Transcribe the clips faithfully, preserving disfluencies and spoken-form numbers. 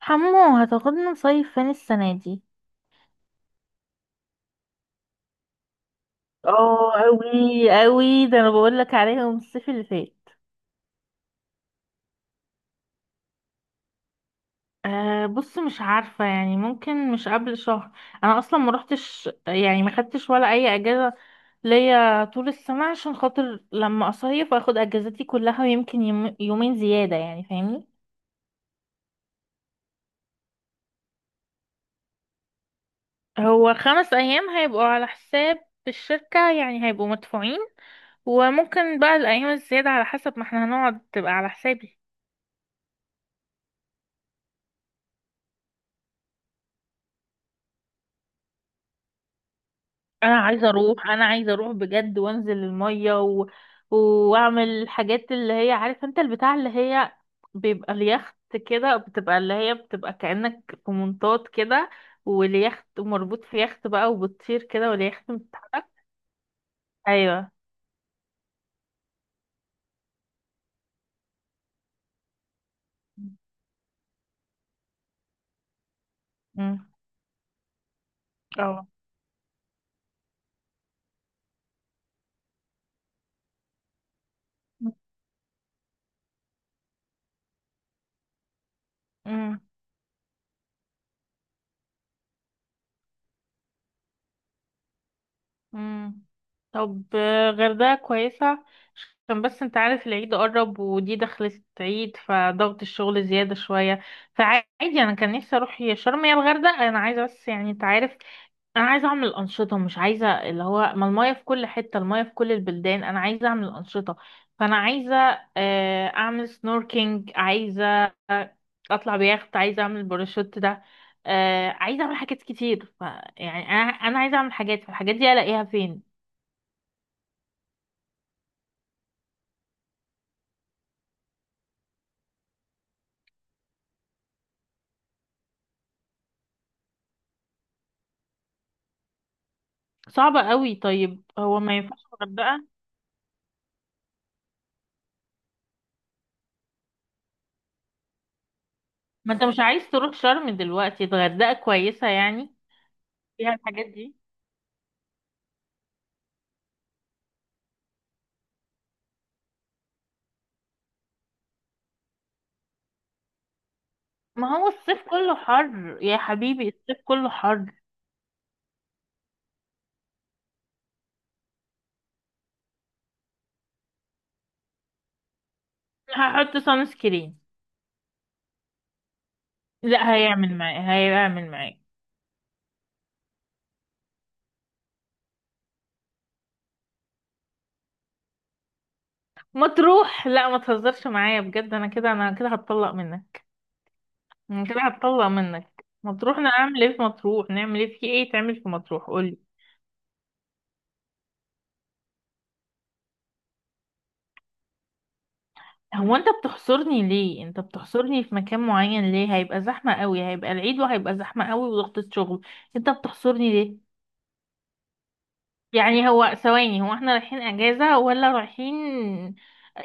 حمو، هتاخدنا نصيف فين السنة دي؟ اه، اوي اوي، ده انا بقول لك عليهم الصيف اللي فات. أه، بص، مش عارفة يعني، ممكن مش قبل شهر. أنا أصلا ما روحتش، يعني ما خدتش ولا أي أجازة ليا طول السنة، عشان خاطر لما أصيف أخد أجازتي كلها ويمكن يم- يومين زيادة، يعني فاهمني. هو خمس أيام هيبقوا على حساب الشركة، يعني هيبقوا مدفوعين، وممكن بقى الأيام الزيادة على حسب ما احنا هنقعد تبقى على حسابي. انا عايزه اروح انا عايزه اروح بجد وانزل الميه و... واعمل الحاجات اللي هي، عارف انت، البتاع اللي هي بيبقى اليخت كده، بتبقى اللي هي بتبقى كأنك في منطاد كده، واليخت مربوط في يخت بقى وبتطير كده واليخت متحرك. ايوه. امم. اه. امم. مم. طب آه، غردقة كويسة، عشان بس انت عارف، العيد قرب ودي دخلت عيد فضغط الشغل زيادة شوية، فعادي، انا كان نفسي اروح يا شرم يا الغردقة، انا عايزة بس يعني انت عارف. انا عايزه اعمل انشطه، مش عايزه اللي هو، ما المايه في كل حته، المايه في كل البلدان، انا عايزه اعمل انشطه، فانا عايزه آه، اعمل سنوركينج، عايزه اطلع بيخت، عايزه اعمل باراشوت ده، آه، عايزه اعمل حاجات كتير ف يعني انا انا عايزه اعمل حاجات، فالحاجات دي الاقيها فين؟ صعبه قوي، طيب هو ما ينفعش الغردقه؟ ما انت مش عايز تروح شرم دلوقتي، الغردقه كويسه يعني، فيها الحاجات دي. ما هو الصيف كله حر يا حبيبي، الصيف كله حر. هحط سان سكرين. لا، هيعمل معايا، هيعمل معايا. ما تروح، لا ما تهزرش معايا بجد، انا كده، انا كده هتطلق منك، انا كده هتطلق منك، ما تروح، انا اعمل ايه في مطروح؟ نعمل ايه في ايه، تعمل في مطروح قولي. هو انت بتحصرني ليه؟ انت بتحصرني في مكان معين ليه؟ هيبقى زحمة قوي، هيبقى العيد وهيبقى زحمة قوي وضغطة شغل، انت بتحصرني ليه؟ يعني هو ثواني، هو احنا رايحين اجازة ولا رايحين؟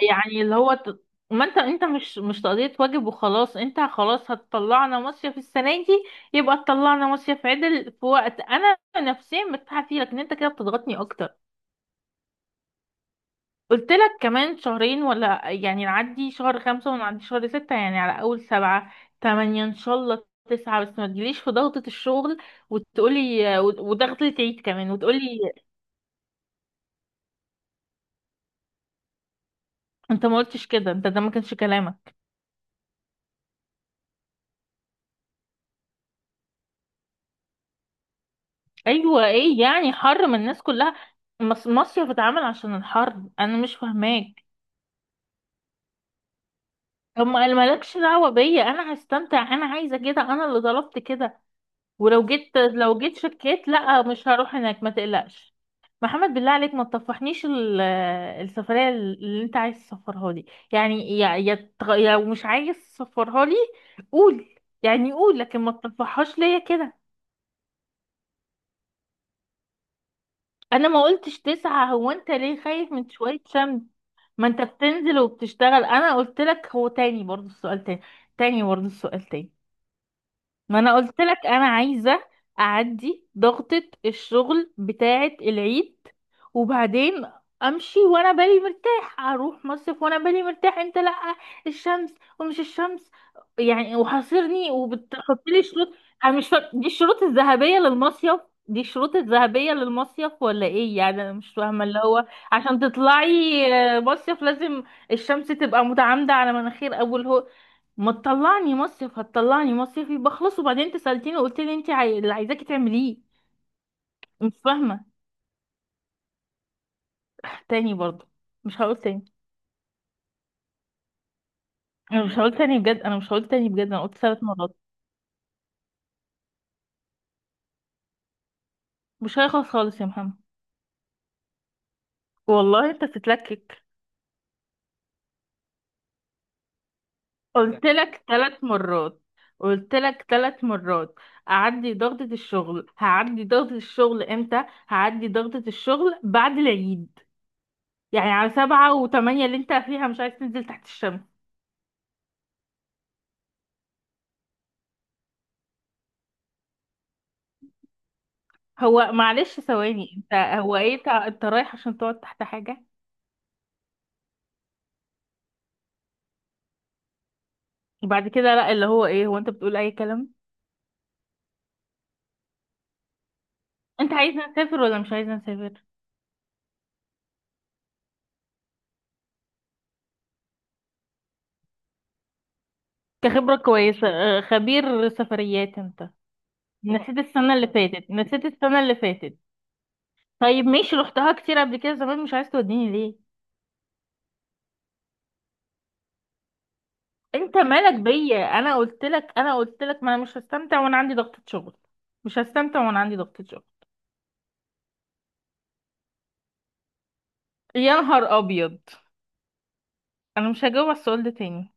يعني اللي هو ت... ما انت انت مش مش تقضية واجب وخلاص، انت خلاص هتطلعنا مصيف السنة دي، يبقى تطلعنا مصيف عدل في وقت انا نفسيا مرتاحة فيه، لكن انت كده بتضغطني اكتر. قلت لك كمان شهرين، ولا يعني نعدي شهر خمسة ونعدي شهر ستة يعني، على اول سبعة، تمانية ان شاء الله تسعة، بس ما تجيليش في ضغطة الشغل وتقولي، وضغطة العيد كمان وتقولي. انت ما قلتش كده، انت ده ما كانش كلامك. ايوه، ايه يعني، حر من الناس كلها، مص- مصيف اتعمل عشان الحر، انا مش فاهماك. طب ما مالكش دعوه بيا، انا هستمتع، انا عايزه كده، انا اللي طلبت كده. ولو جيت، لو جيت شكيت، لا مش هروح هناك ما تقلقش. محمد بالله عليك، ما تطفحنيش ال- السفريه اللي انت عايز تسفرها لي، يعني يا يا تغ- يا مش عايز تسفرها لي قول، يعني قول، لكن ما تطفحهاش ليا كده. انا ما قلتش تسعة، هو انت ليه خايف من شويه شمس؟ ما انت بتنزل وبتشتغل. انا قلت لك، هو تاني برضو السؤال تاني، تاني برضو السؤال تاني. ما انا قلت لك، انا عايزه اعدي ضغطه الشغل بتاعه العيد وبعدين امشي وانا بالي مرتاح، اروح مصيف وانا بالي مرتاح. انت لا الشمس ومش الشمس، يعني وحاصرني وبتحط لي شروط. انا مش فاهم، دي الشروط الذهبيه للمصيف، دي الشروط الذهبيه للمصيف ولا ايه يعني، انا مش فاهمه اللي هو، عشان تطلعي آه، مصيف لازم الشمس تبقى متعامده على مناخير ابو الهول؟ ما تطلعني مصيف، هتطلعني مصيف يبقى خلاص. وبعدين انت سألتيني وقلت لي انت عاي... اللي عايزاكي تعمليه. مش فاهمة. تاني برضه؟ مش هقول تاني، انا مش هقول تاني بجد، انا مش هقول تاني بجد، انا قلت ثلاث مرات. مش هيخلص خالص يا محمد. والله انت بتتلكك، قلت لك ثلاث مرات، قلت لك ثلاث مرات. اعدي ضغطة الشغل، هعدي ضغطة الشغل امتى؟ هعدي ضغطة الشغل بعد العيد، يعني على سبعة وثمانية اللي انت فيها مش عايز تنزل تحت الشمس. هو معلش ثواني، انت هو ايه، انت، انت رايح عشان تقعد تحت حاجة؟ وبعد كده لا اللي هو ايه، هو انت بتقول اي كلام؟ انت عايزة نسافر ولا مش عايزة نسافر؟ كخبرة كويسة، اه، خبير سفريات انت، نسيت السنة اللي فاتت، نسيت السنة اللي فاتت. طيب ماشي رحتها كتير قبل كده زمان، مش عايز توديني ليه؟ انت مالك بيا، انا قلت لك، انا قلت لك ما انا مش هستمتع وانا عندي ضغطة شغل، مش هستمتع وانا عندي ضغطة شغل. يا نهار ابيض، انا مش هجاوب على السؤال ده تاني،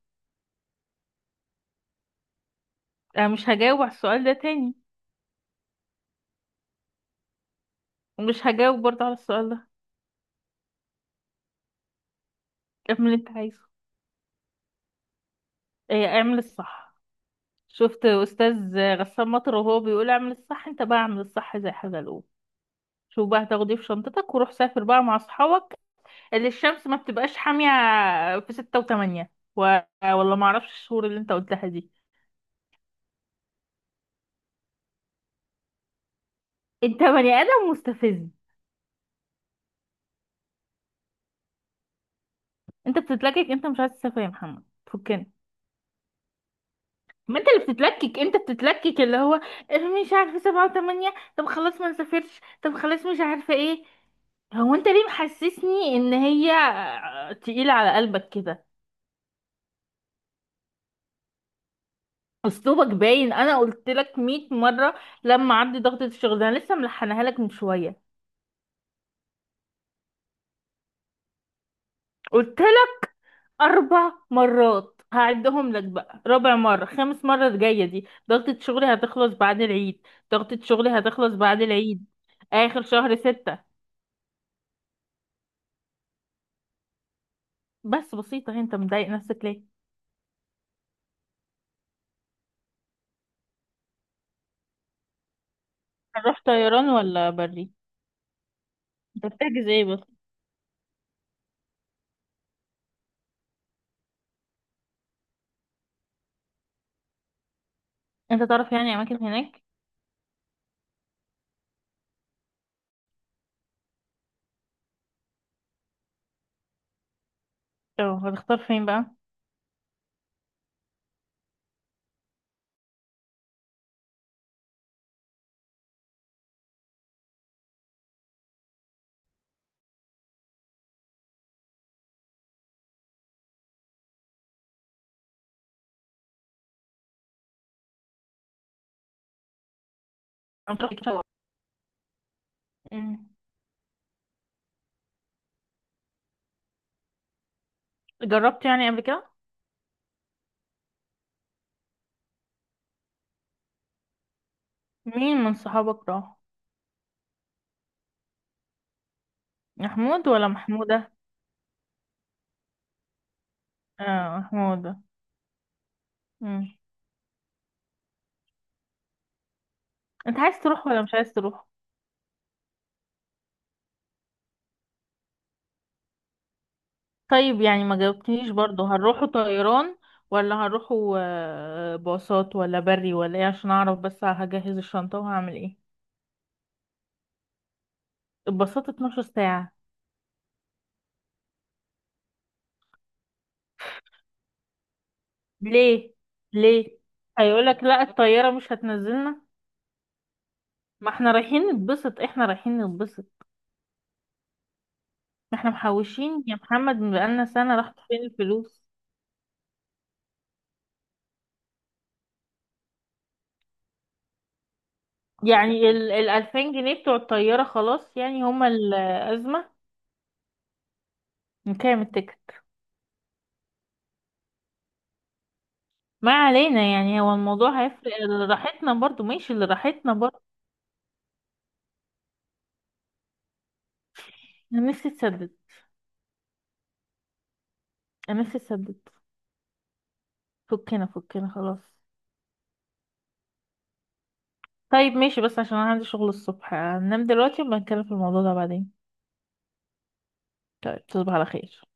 انا مش هجاوب على السؤال ده تاني، مش هجاوب برضه على السؤال ده. اعمل اللي انت عايزه. ايه، اعمل الصح. شفت استاذ غسان مطر وهو بيقول اعمل الصح؟ انت بقى اعمل الصح زي حزلقوم. شوف بقى هتاخد ايه في شنطتك وروح سافر بقى مع اصحابك، اللي الشمس ما بتبقاش حامية، في ستة وتمانية و... والله ما اعرفش الشهور اللي انت قلتها دي. انت بني ادم مستفز، انت بتتلكك، انت مش عايز تسافر يا محمد، فكنا. ما انت اللي بتتلكك، انت بتتلكك اللي هو، مش عارفه سبعة وثمانية، طب خلاص ما نسافرش، طب خلاص مش عارفه ايه. هو انت ليه محسسني ان هي تقيلة على قلبك كده؟ اسلوبك باين، انا قلت لك 100 مرة لما عندي ضغطة الشغل ده، انا لسه ملحنها لك من شوية. قلت لك اربع مرات، هعدهم لك بقى، رابع مرة خامس مرة الجاية دي، ضغطة شغلي هتخلص بعد العيد، ضغطة شغلي هتخلص بعد العيد، اخر شهر ستة. بس بسيطة، هي انت مضايق نفسك ليه؟ هنروح طيران ولا بري؟ انت بتحجز ايه بس؟ انت تعرف يعني اماكن هناك؟ اه، هتختار فين بقى؟ هنروح طيران. أمم. جربت يعني قبل كده؟ مين من صحابك راح؟ محمود ولا محمودة؟ اه، محمودة. أمم. انت عايز تروح ولا مش عايز تروح؟ طيب يعني ما جاوبتنيش برضو، هنروحوا طيران ولا هنروحوا آه، باصات ولا بري ولا ايه، عشان اعرف بس هجهز الشنطة وهعمل ايه. الباصات 12 ساعة. ليه؟ ليه؟ هيقولك لا الطيارة مش هتنزلنا؟ ما احنا رايحين نتبسط، احنا رايحين نتبسط. ما احنا محوشين يا محمد بقالنا سنة، راحت فين الفلوس؟ يعني ال الألفين جنيه بتوع الطيارة خلاص، يعني هما الأزمة؟ نكام التيكت؟ ما علينا، يعني هو الموضوع هيفرق، اللي راحتنا برضو ماشي، اللي راحتنا برضو. انا نفسي تسدد. انا نفسي تسدد. فكنا فكنا خلاص. طيب ماشي بس عشان انا عندي شغل الصبح، هننام دلوقتي ونبقى نتكلم في الموضوع ده بعدين. طيب تصبح على خير.